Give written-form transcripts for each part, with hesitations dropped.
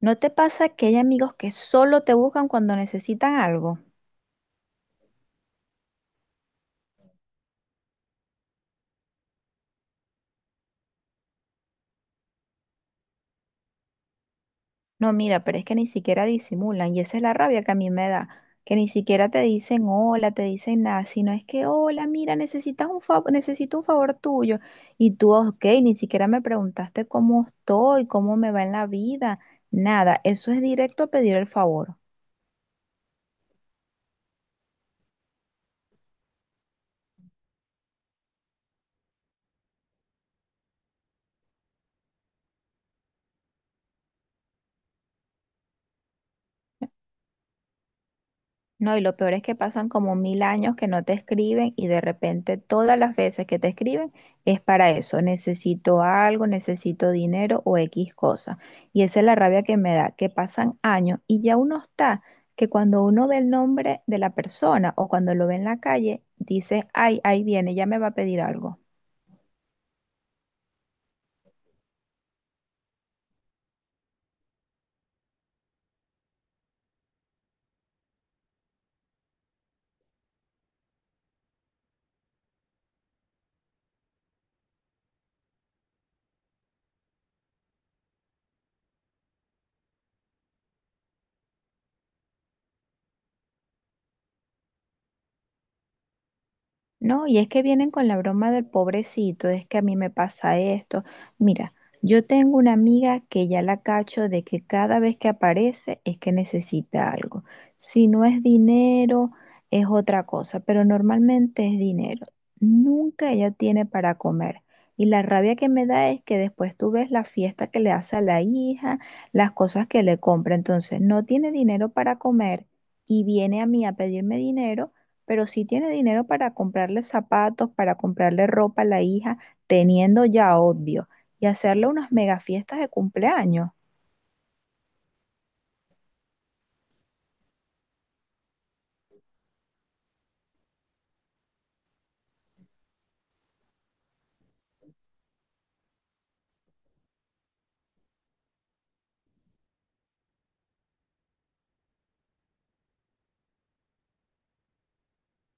¿No te pasa que hay amigos que solo te buscan cuando necesitan algo? No, mira, pero es que ni siquiera disimulan y esa es la rabia que a mí me da, que ni siquiera te dicen hola, te dicen nada, sino es que hola, mira, necesitas un favor, necesito un favor tuyo y tú, ok, ni siquiera me preguntaste cómo estoy, cómo me va en la vida, nada, eso es directo a pedir el favor. No, y lo peor es que pasan como mil años que no te escriben y de repente todas las veces que te escriben es para eso. Necesito algo, necesito dinero o X cosa. Y esa es la rabia que me da, que pasan años y ya uno está, que cuando uno ve el nombre de la persona o cuando lo ve en la calle, dice, ay, ahí viene, ya me va a pedir algo. No, y es que vienen con la broma del pobrecito, es que a mí me pasa esto. Mira, yo tengo una amiga que ya la cacho de que cada vez que aparece es que necesita algo. Si no es dinero, es otra cosa, pero normalmente es dinero. Nunca ella tiene para comer. Y la rabia que me da es que después tú ves la fiesta que le hace a la hija, las cosas que le compra. Entonces, no tiene dinero para comer y viene a mí a pedirme dinero pero sí tiene dinero para comprarle zapatos, para comprarle ropa a la hija, teniendo ya obvio, y hacerle unas mega fiestas de cumpleaños.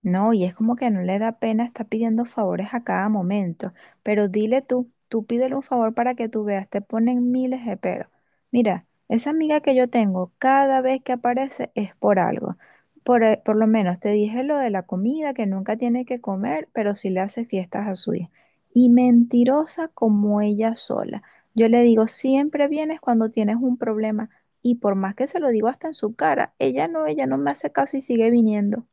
No, y es como que no le da pena estar pidiendo favores a cada momento. Pero dile tú, tú pídele un favor para que tú veas, te ponen miles de peros. Mira, esa amiga que yo tengo, cada vez que aparece es por algo. Por lo menos te dije lo de la comida, que nunca tiene que comer, pero sí le hace fiestas a su hija. Y mentirosa como ella sola. Yo le digo, siempre vienes cuando tienes un problema. Y por más que se lo digo hasta en su cara, ella no me hace caso y sigue viniendo.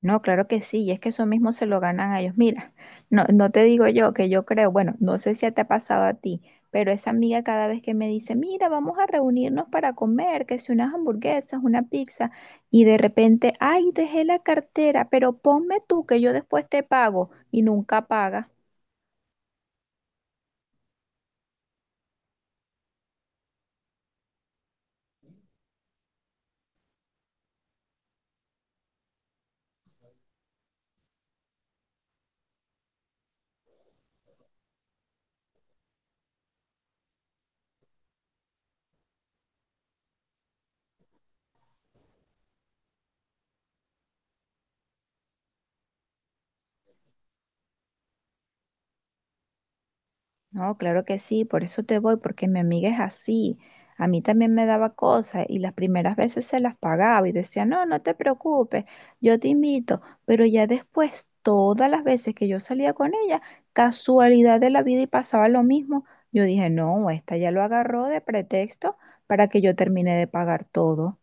No, claro que sí, y es que eso mismo se lo ganan a ellos. Mira, no te digo yo que yo creo, bueno, no sé si te ha pasado a ti, pero esa amiga cada vez que me dice, mira, vamos a reunirnos para comer, que si unas hamburguesas, una pizza, y de repente, ay, dejé la cartera, pero ponme tú que yo después te pago, y nunca paga. No, claro que sí, por eso te voy, porque mi amiga es así. A mí también me daba cosas y las primeras veces se las pagaba y decía, no, no te preocupes, yo te invito. Pero ya después, todas las veces que yo salía con ella, casualidad de la vida y pasaba lo mismo, yo dije, no, esta ya lo agarró de pretexto para que yo termine de pagar todo.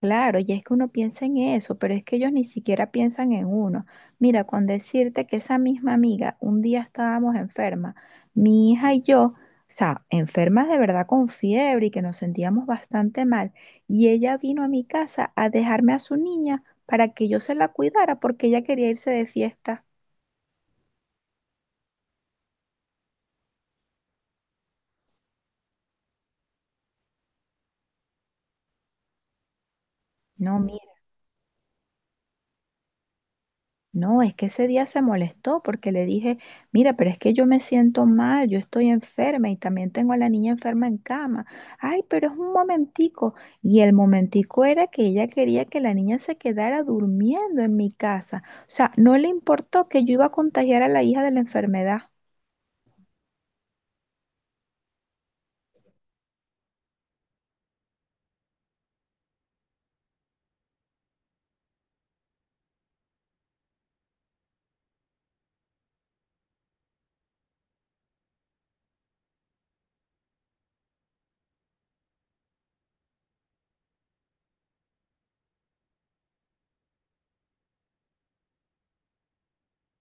Claro, y es que uno piensa en eso, pero es que ellos ni siquiera piensan en uno. Mira, con decirte que esa misma amiga, un día estábamos enferma, mi hija y yo, o sea, enfermas de verdad con fiebre y que nos sentíamos bastante mal, y ella vino a mi casa a dejarme a su niña para que yo se la cuidara porque ella quería irse de fiesta. No, No, es que ese día se molestó porque le dije, mira, pero es que yo me siento mal, yo estoy enferma y también tengo a la niña enferma en cama. Ay, pero es un momentico. Y el momentico era que ella quería que la niña se quedara durmiendo en mi casa. O sea, no le importó que yo iba a contagiar a la hija de la enfermedad.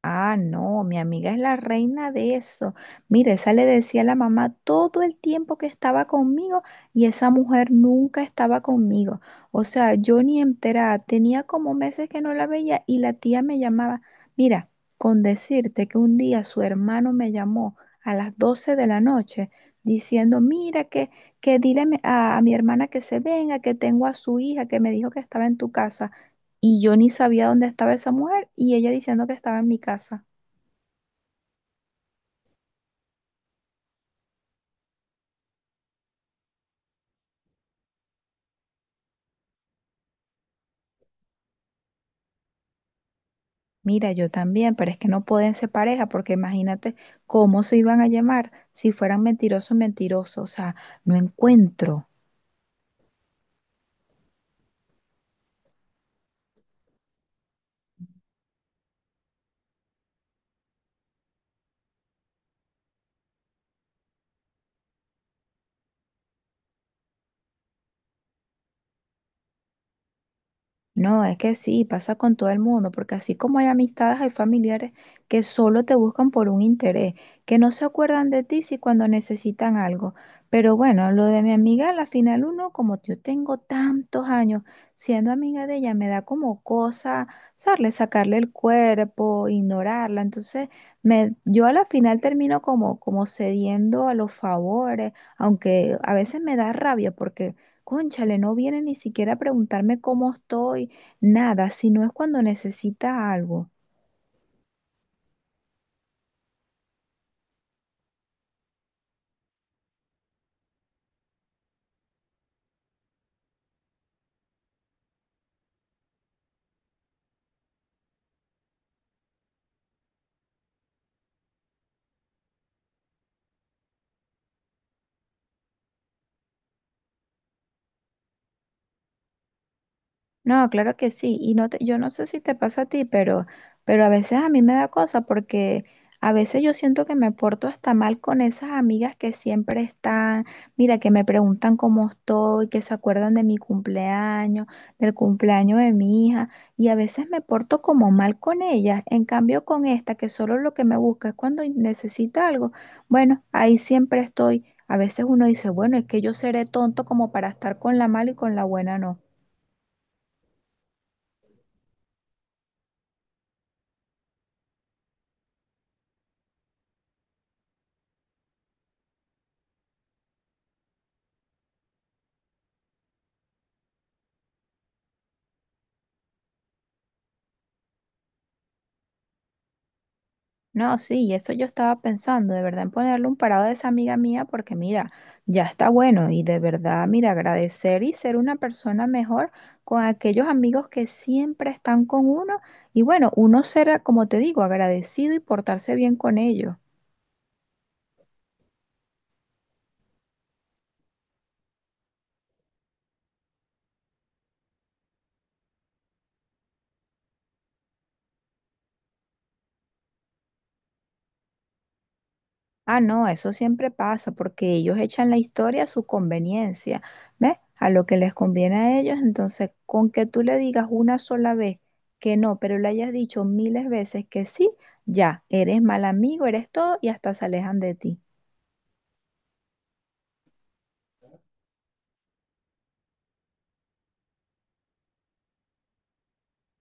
Ah, no, mi amiga es la reina de eso. Mira, esa le decía a la mamá todo el tiempo que estaba conmigo y esa mujer nunca estaba conmigo. O sea, yo ni enterada, tenía como meses que no la veía y la tía me llamaba. Mira, con decirte que un día su hermano me llamó a las 12 de la noche diciendo, mira, que dile a, a mi hermana que se venga, que tengo a su hija, que me dijo que estaba en tu casa y yo ni sabía dónde estaba esa mujer y ella diciendo que estaba en mi casa. Mira, yo también, pero es que no pueden ser pareja porque imagínate cómo se iban a llamar si fueran mentirosos, mentirosos. O sea, no encuentro. No, es que sí, pasa con todo el mundo, porque así como hay amistades, hay familiares que solo te buscan por un interés, que no se acuerdan de ti si cuando necesitan algo. Pero bueno, lo de mi amiga, a la final uno, como yo tengo tantos años siendo amiga de ella, me da como cosa sacarle, sacarle el cuerpo, ignorarla. Entonces, yo a la final termino como, como cediendo a los favores, aunque a veces me da rabia porque... Cónchale, no viene ni siquiera a preguntarme cómo estoy nada, sino es cuando necesita algo. No, claro que sí. Y no te- yo no sé si te pasa a ti, pero a veces a mí me da cosa porque a veces yo siento que me porto hasta mal con esas amigas que siempre están, mira, que me preguntan cómo estoy, que se acuerdan de mi cumpleaños, del cumpleaños de mi hija, y a veces me porto como mal con ellas. En cambio, con esta, que solo lo que me busca es cuando necesita algo, bueno, ahí siempre estoy. A veces uno dice, bueno, es que yo seré tonto como para estar con la mala y con la buena no. No, sí, y eso yo estaba pensando, de verdad, en ponerle un parado a esa amiga mía, porque mira, ya está bueno y de verdad, mira, agradecer y ser una persona mejor con aquellos amigos que siempre están con uno y bueno, uno será, como te digo, agradecido y portarse bien con ellos. Ah, no, eso siempre pasa porque ellos echan la historia a su conveniencia, ¿ves? A lo que les conviene a ellos. Entonces, con que tú le digas una sola vez que no, pero le hayas dicho miles veces que sí, ya, eres mal amigo, eres todo y hasta se alejan de ti.